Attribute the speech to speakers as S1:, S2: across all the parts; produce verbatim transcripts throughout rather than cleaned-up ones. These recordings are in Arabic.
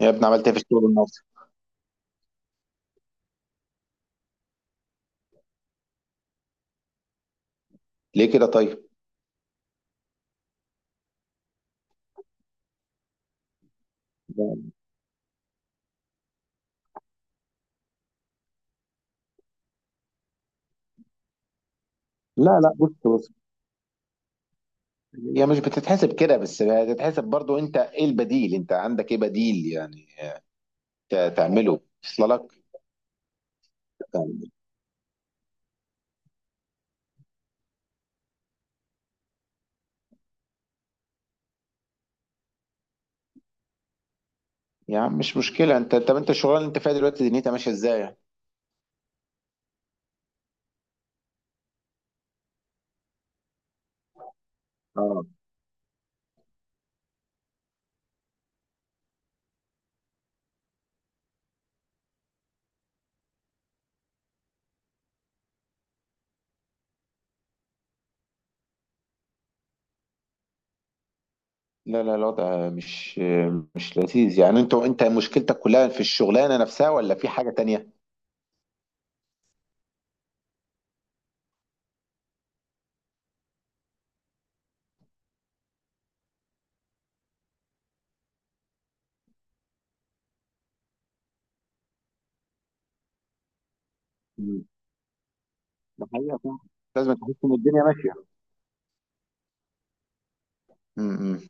S1: يا ابني، عملت ايه في الشغل النهارده؟ ليه كده طيب؟ لا لا، بص بص، هي مش بتتحسب كده، بس بتتحسب برضو. انت ايه البديل؟ انت عندك ايه بديل يعني ت- تعمله اصل لك؟ يعني مش مشكله. انت، طب انت الشغلانه اللي انت فيها دلوقتي دنيتها ماشيه ازاي؟ اه. لا لا، الوضع مش مش لذيذ يعني. انت انت مشكلتك كلها في الشغلانه نفسها ولا في حاجه تانية؟ مم. ده حقيقة فعلا. لازم تحس ان الدنيا ماشيه. امم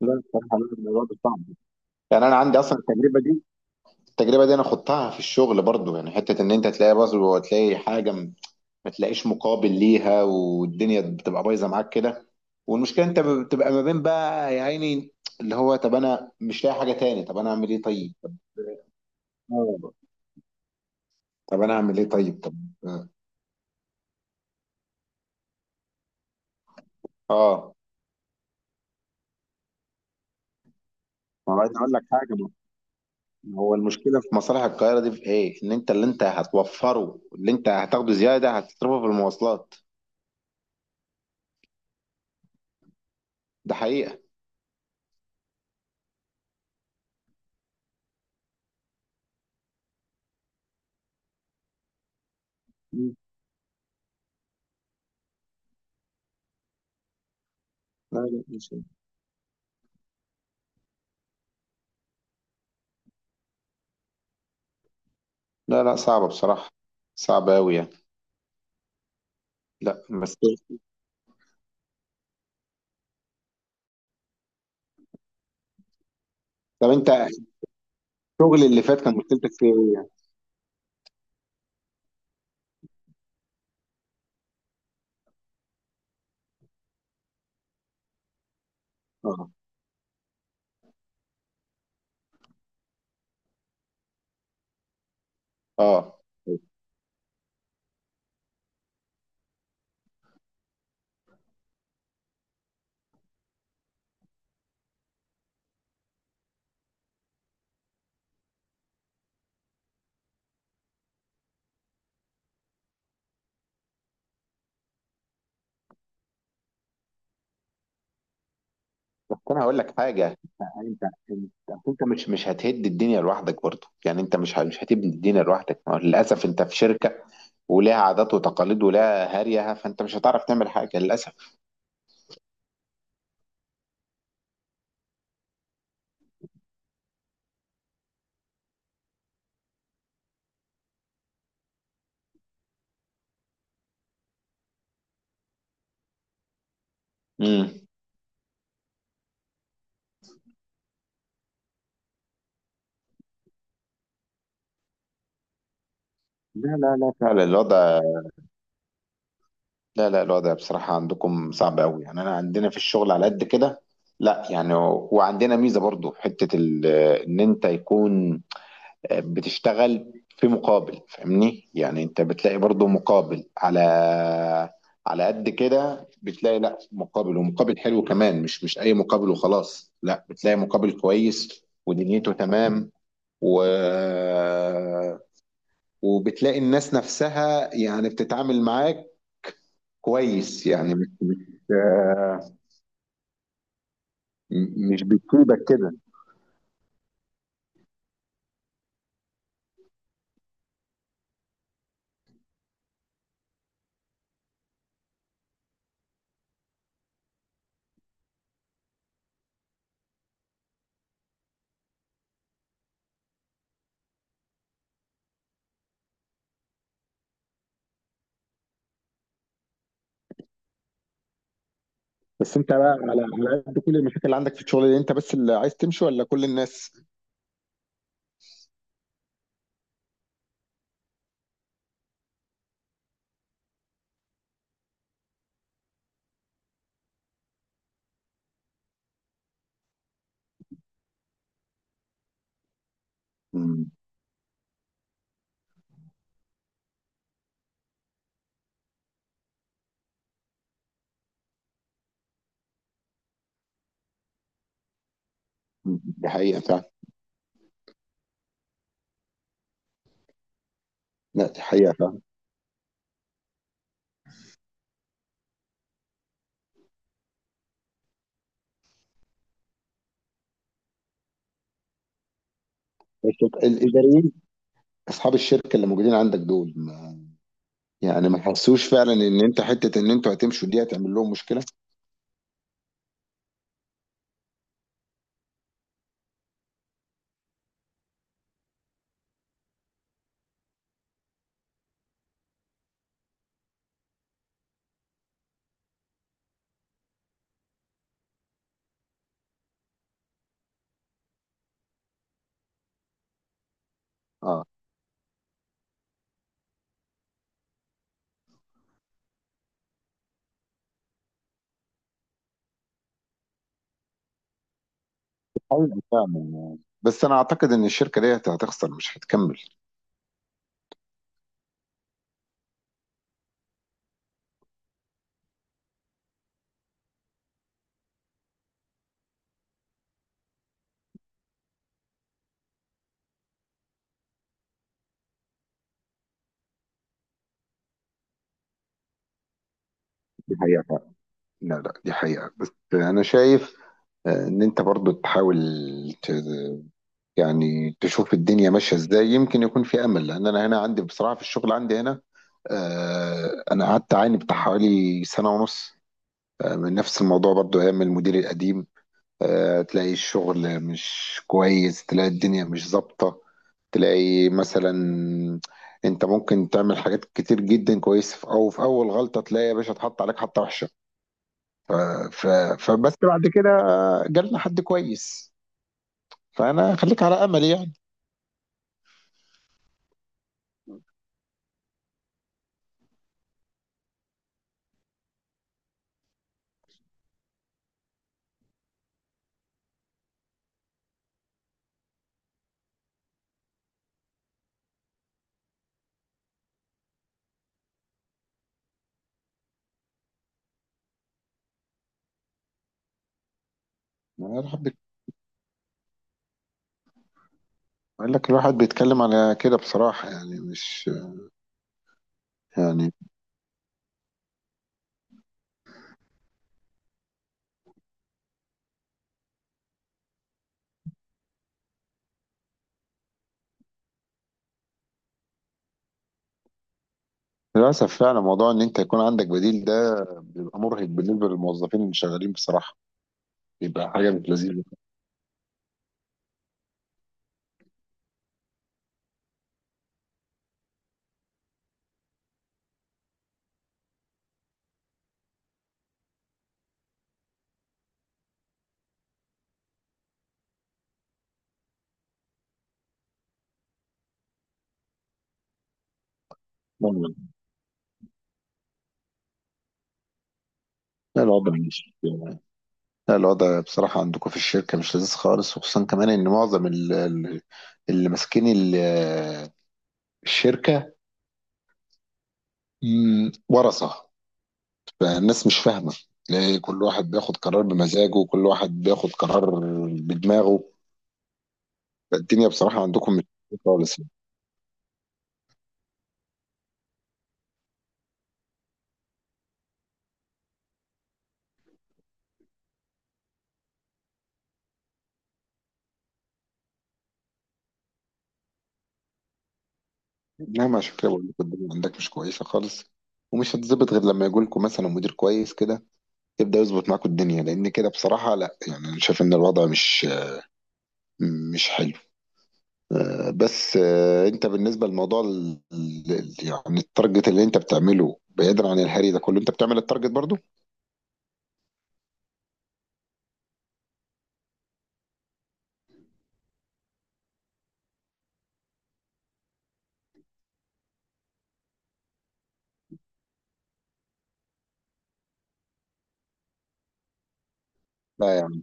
S1: لا بصراحه، لا، الوضع صعب. يعني انا عندي اصلا التجربه دي. التجربه دي انا خضتها في الشغل برضو، يعني حته ان انت تلاقي بذل وتلاقي حاجه م- ما تلاقيش مقابل ليها، والدنيا بتبقى بايظه معاك كده. والمشكله انت بتبقى ما بين بقى يا عيني، اللي هو طب انا مش لاقي حاجه تاني، طب انا اعمل ايه، طيب طب. آه، طب انا اعمل ايه، طيب طب. اه، ما عايز اقول لك حاجه. ما هو المشكله في مصالح القاهره دي في ايه؟ ان انت اللي انت هتوفره، اللي انت هتاخده زياده، هتصرفه في المواصلات. ده حقيقه. مم. لا لا، مش- لا لا، صعبه بصراحه. صعبه قوي يعني. لا بس، طب انت الشغل اللي فات كان مشكلتك فيه ايه يعني؟ اه، اه. بس انا هقول لك حاجه. انت انت أصل انت مش مش هتهد الدنيا لوحدك برضه يعني. انت مش ه- مش هتبني الدنيا لوحدك. ما هو للاسف انت في شركه، ولها عادات وتقاليد ولها هريها، فانت مش هتعرف تعمل حاجه للاسف. امم لا لا لا، فعلا الوضع، لا لا، الوضع بصراحه عندكم صعب قوي يعني. انا عندنا في الشغل على قد كده. لا يعني، و- وعندنا ميزه برضه في حته ال- ان انت يكون بتشتغل في مقابل، فاهمني يعني؟ انت بتلاقي برضو مقابل. على على قد كده بتلاقي، لا، مقابل، ومقابل حلو كمان، مش مش اي مقابل وخلاص. لا، بتلاقي مقابل كويس ودنيته تمام. و وبتلاقي الناس نفسها يعني بتتعامل معاك كويس يعني مش مش آه، م- مش بتسيبك كده. بس انت بقى على على قد كل المشاكل اللي عندك في الشغل دي، انت بس اللي عايز تمشي ولا كل الناس؟ إمم، دي حقيقة فعلًا. لأ، دي حقيقة فعلًا، بس الإداريين أصحاب الشركة اللي موجودين عندك دول، ما يعني، ما حسّوش فعلًا إن أنت حتّة إن أنتم هتمشوا دي هتعمل لهم مشكلة؟ آه، حقيقي فعلًا، بس أنا أعتقد إن الشركة ديّة هتخسر، مش هتكمّل. دي حقيقة فعلًا. لا، لأ دي حقيقة، بس أنا شايف آآ إن أنت برضه تحاول، ت يعني تشوف الدنيا ماشية إزاي، يمكن يكون في أمل، لإن أنا هنا عندي بصراحة في الشغل عندي هنا. آآ أنا قعدت أعاني بتاع حوالي سَنة ونُص من نفس الموضوع، برضو ايام المدير القديم. آه، تلاقي الشغل مش كويس، تلاقي الدنيا مش ظابطة. تلاقي مثلا انت ممكن تعمل حاجات كتير جدا كويس، في او في اول غلطة تلاقي يا باشا اتحط عليك حطة وحشة. ف... ف... فبس بعد كده آه، جالنا حد كويس. فانا خليك على امل يعني. يعني الواحد بيت- بقول لك، الواحد بيتكلم على كده بصراحة، يعني مش، يعني للأسف فعلا. موضوع إن أنت يكون عندك بديل ده بيبقى مرهق بالنسبة للموظفين اللي شغالين بصراحة. بيبقى حاجة مش لذيذة. لا الوضع مش، لا الوضع بصراحة عندكم في الشركة مش لذيذ خالص. وخصوصا كمان إن معظم ال- ال- اللي ماسكين ال- الشركة مم، ورثة. فالناس مش فاهمة، تلاقي كل واحد بياخد قرار بمزاجه، وكل واحد بياخد قرار بدماغه. فالدنيا بصراحة عندكم مش لذيذة خالص يعني. نعم، عشان كده بقول لكم الدنيا عندك مش كويسة خالص، ومش هتظبط غير لما يجي لكم مثلا مدير كويس كده، يبدأ يظبط معاكم الدنيا. لأن كده بصراحة، لا يعني أنا شايف إن الوضع مش مش حلو. آه، بس آه، انت بالنسبه لموضوع ال- ال- ال- يعني التارجت اللي انت بتعمله، بعيدا عن الهري ده كله، انت بتعمل التارجت برضو؟ لا يعني.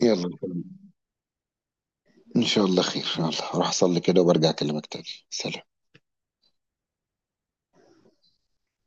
S1: يلا، ان شاء الله خير. يلا هروح اصلي كده وبرجع اكلمك تاني. سلام.